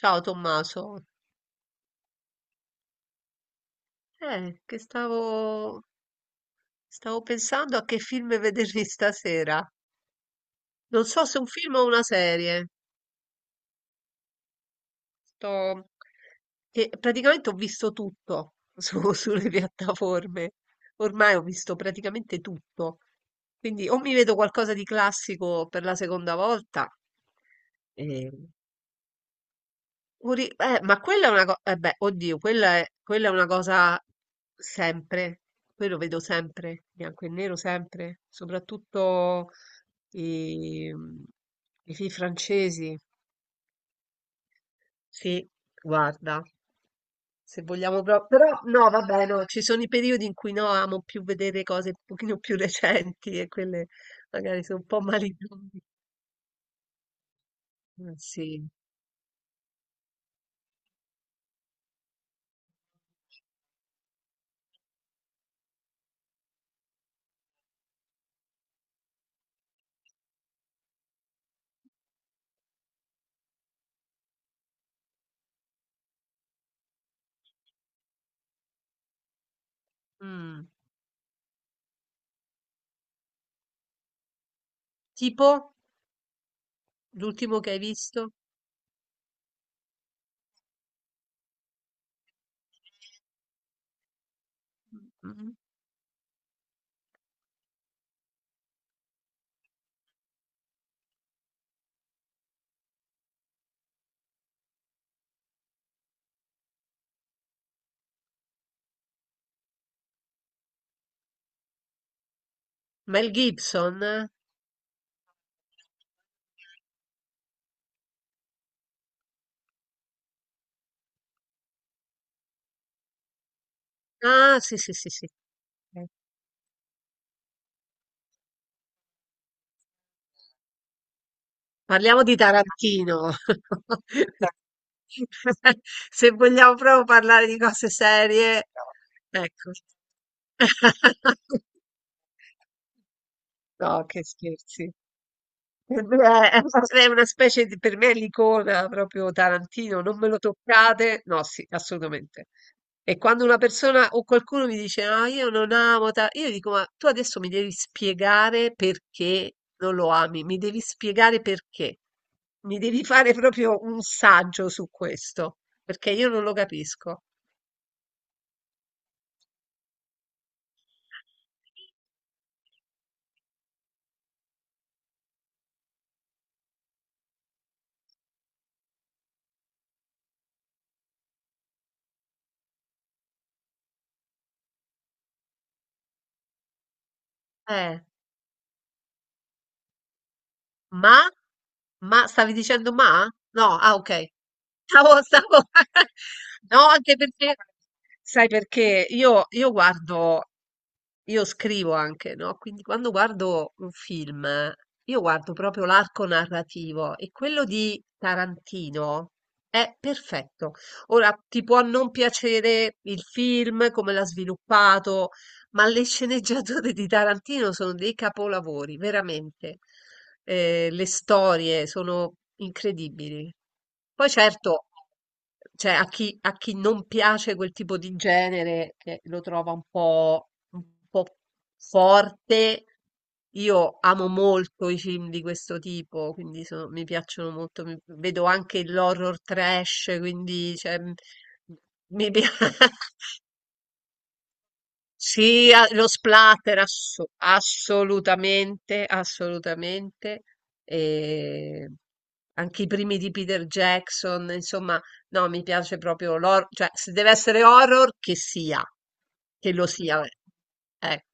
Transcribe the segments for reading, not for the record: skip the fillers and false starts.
Ciao Tommaso, che stavo pensando a che film vedermi stasera. Non so se un film o una serie. Sto... Che praticamente ho visto tutto sulle piattaforme. Ormai ho visto praticamente tutto. Quindi o mi vedo qualcosa di classico per la seconda volta, ehm, ma quella è una cosa, eh beh, oddio, quella è una cosa sempre, quello vedo sempre, bianco e nero sempre, soprattutto i, i film francesi. Sì, guarda, se vogliamo proprio, però no, vabbè, no, ci sono i periodi in cui no, amo più vedere cose un pochino più recenti e quelle magari sono un po' malignoni. Sì. Mm. Tipo l'ultimo che hai visto? Mm. Mm, mm. Mel Gibson? Eh? Ah, sì, sì, sì, sì. Okay. Parliamo di Tarantino. Dai. Se vogliamo proprio parlare di cose serie, ecco. No, che scherzi. Per me È è una specie di, per me è l'icona proprio Tarantino, non me lo toccate? No, sì, assolutamente. E quando una persona o qualcuno mi dice, ah, io non amo Ta-", io dico, ma tu adesso mi devi spiegare perché non lo ami, mi devi spiegare perché, mi devi fare proprio un saggio su questo, perché io non lo capisco. Eh. Ma? Ma stavi dicendo ma? No, ah ok. Stavo... No, anche perché, sai perché io guardo, io scrivo anche, no? Quindi quando guardo un film, io guardo proprio l'arco narrativo e quello di Tarantino è perfetto. Ora, ti può non piacere il film, come l'ha sviluppato, ma le sceneggiature di Tarantino sono dei capolavori, veramente. Le storie sono incredibili. Poi certo, cioè, a chi non piace quel tipo di genere, che lo trova un po' forte, io amo molto i film di questo tipo, quindi mi piacciono molto. Vedo anche l'horror trash, quindi cioè, mi piace. Sì, lo splatter, assolutamente, assolutamente. E anche i primi di Peter Jackson, insomma, no, mi piace proprio l'horror, cioè se deve essere horror, che sia, che lo sia. Eh,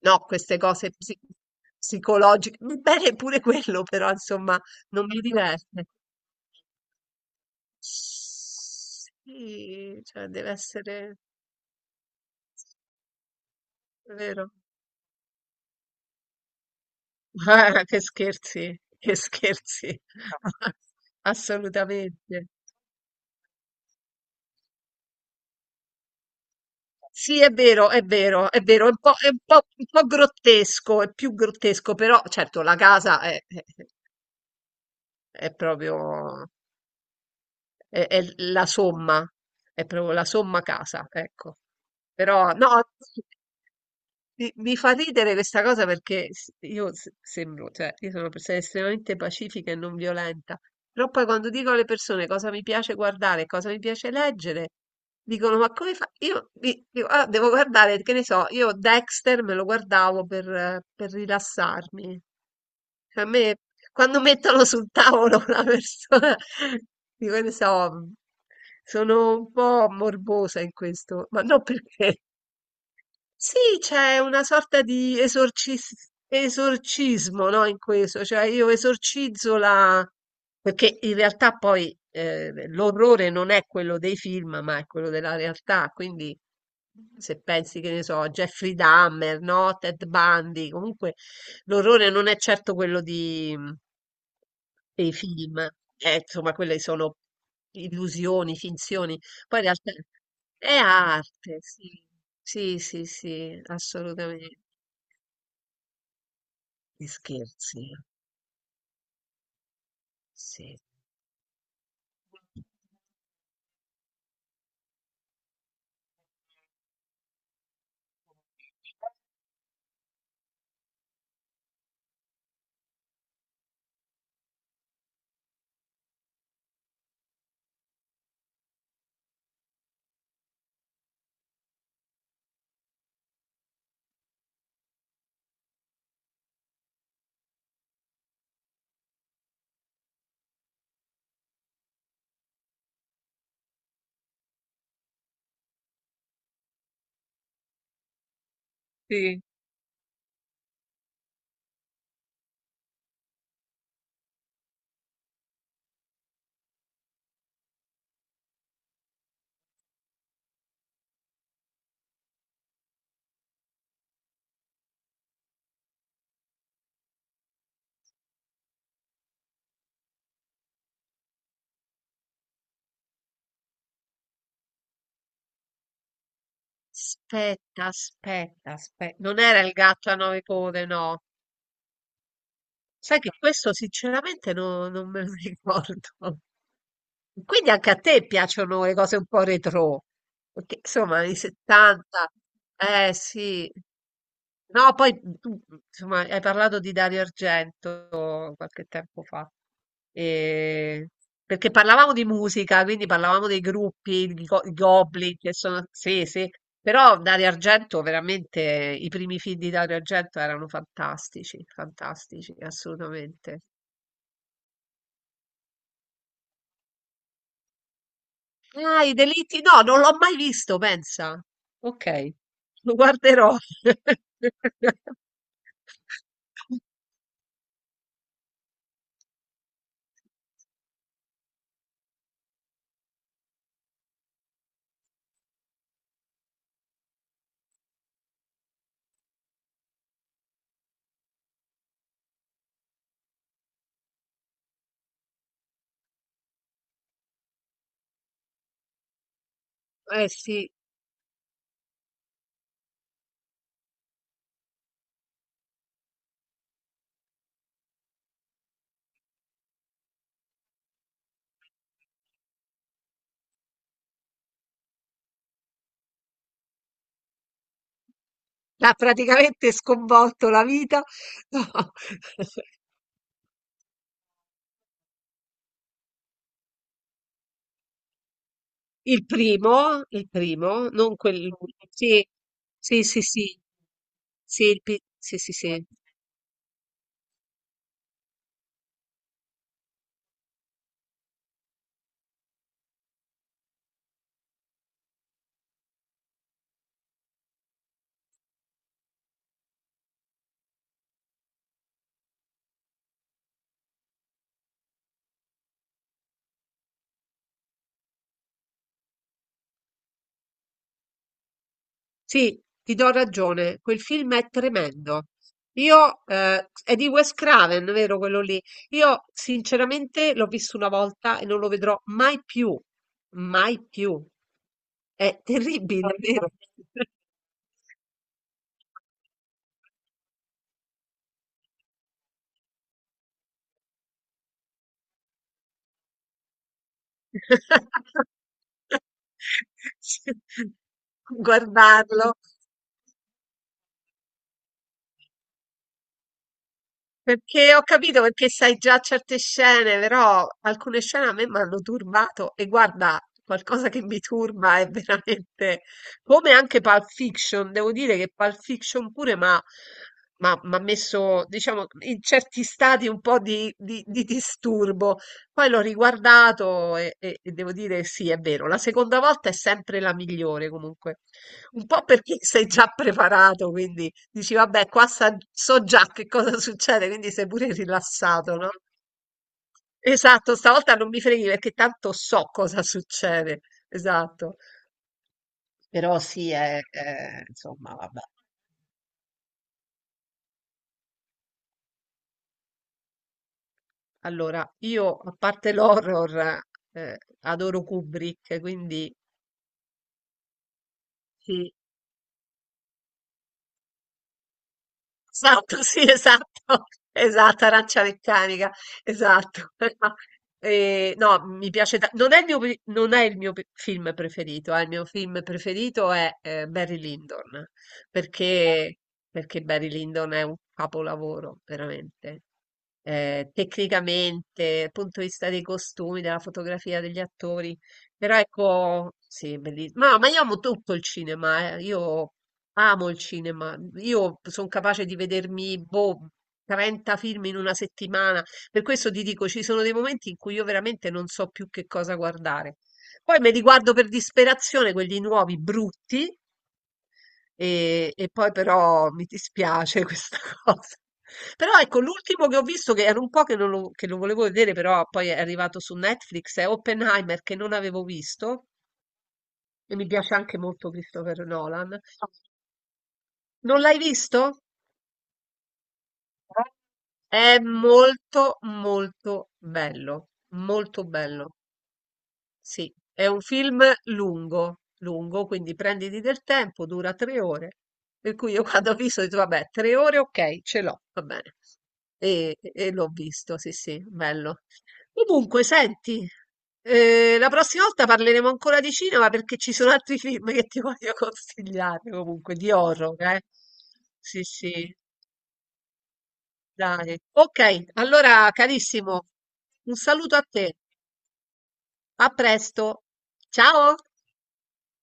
no, queste cose psicologiche, va bene pure quello, però insomma, non mi diverte. Sì, cioè deve essere, vero? Ah, che scherzi, assolutamente. Sì, è vero, è vero, è vero, è un po' grottesco, è più grottesco, però certo la casa è proprio, è la somma, è proprio la somma casa, ecco. Però no, Mi fa ridere questa cosa perché io sembro, cioè, io sono una persona estremamente pacifica e non violenta, però poi quando dico alle persone cosa mi piace guardare, e cosa mi piace leggere, dicono, ma come fa? Io dico, "Ah, devo guardare, che ne so, io Dexter me lo guardavo per rilassarmi. Cioè, a me, quando mettono sul tavolo una persona, dico, che ne so, sono un po' morbosa in questo, ma non perché sì, c'è una sorta di esorcismo, no, in questo, cioè io esorcizzo la... perché in realtà poi l'orrore non è quello dei film, ma è quello della realtà, quindi se pensi che ne so, a Jeffrey Dahmer, no, Ted Bundy, comunque l'orrore non è certo quello di... E i film, insomma quelle sono illusioni, finzioni, poi in realtà è arte, sì, sì, sì, sì, assolutamente. Gli scherzi, sì. Sì. Aspetta, aspetta, aspetta. Non era il gatto a nove code, no. Sai che questo sinceramente non me lo ricordo. Quindi anche a te piacciono le cose un po' retro, perché insomma anni 70, eh sì, no, poi tu insomma hai parlato di Dario Argento qualche tempo fa, e- perché parlavamo di musica, quindi parlavamo dei gruppi, di i Goblin, che sono, sì, sì, però Dario Argento veramente, i primi film di Dario Argento erano fantastici, fantastici, assolutamente. Ah, i delitti? No, non l'ho mai visto, pensa. Ok, lo guarderò. Eh sì, l'ha praticamente sconvolto la vita. No. Il primo, non quello. Sì, sì, sì, sì. Sì, sì, sì, sì. Sì, ti do ragione, quel film è tremendo. È di Wes Craven, vero quello lì? Io sinceramente l'ho visto una volta e non lo vedrò mai più, mai più. È terribile, è vero? Guardarlo. Perché ho capito perché sai già certe scene, però alcune scene a me mi hanno turbato e guarda, qualcosa che mi turba è veramente come anche Pulp Fiction, devo dire che Pulp Fiction pure ma m'ha messo, diciamo, in certi stati un po' di disturbo, poi l'ho riguardato e devo dire sì, è vero, la seconda volta è sempre la migliore comunque, un po' perché sei già preparato, quindi dici vabbè, qua so già che cosa succede, quindi sei pure rilassato, no? Esatto, stavolta non mi freghi perché tanto so cosa succede, esatto, però sì, insomma, vabbè. Allora, io a parte l'horror, eh, adoro Kubrick, quindi... Sì, esatto, sì, esatto, esatto, arancia meccanica, esatto. No, mi piace, non è il mio film preferito, il mio film preferito è Barry Lyndon, perché, perché Barry Lyndon è un capolavoro, veramente. Tecnicamente, dal punto di vista dei costumi, della fotografia degli attori, però ecco, sì, bellissimo. Ma io amo tutto il cinema. Io amo il cinema. Io sono capace di vedermi, boh, 30 film in una settimana. Per questo ti dico, ci sono dei momenti in cui io veramente non so più che cosa guardare. Poi mi riguardo per disperazione quelli nuovi, brutti, e poi però mi dispiace questa cosa. Però ecco, l'ultimo che ho visto, che era un po' che, non lo, che lo volevo vedere, però poi è arrivato su Netflix, è Oppenheimer, che non avevo visto, e mi piace anche molto Christopher Nolan. Non l'hai visto? È molto molto bello, molto bello. Sì, è un film lungo, lungo, quindi prenditi del tempo, dura 3 ore. Per cui io quando ho visto ho detto, vabbè, 3 ore, ok, ce l'ho, va bene. E l'ho visto, sì, sì, bello. Comunque, senti, la prossima volta parleremo ancora di cinema perché ci sono altri film che ti voglio consigliare, comunque, di horror, eh. Sì, sì. Dai. Ok, allora carissimo, un saluto a te. A presto. Ciao.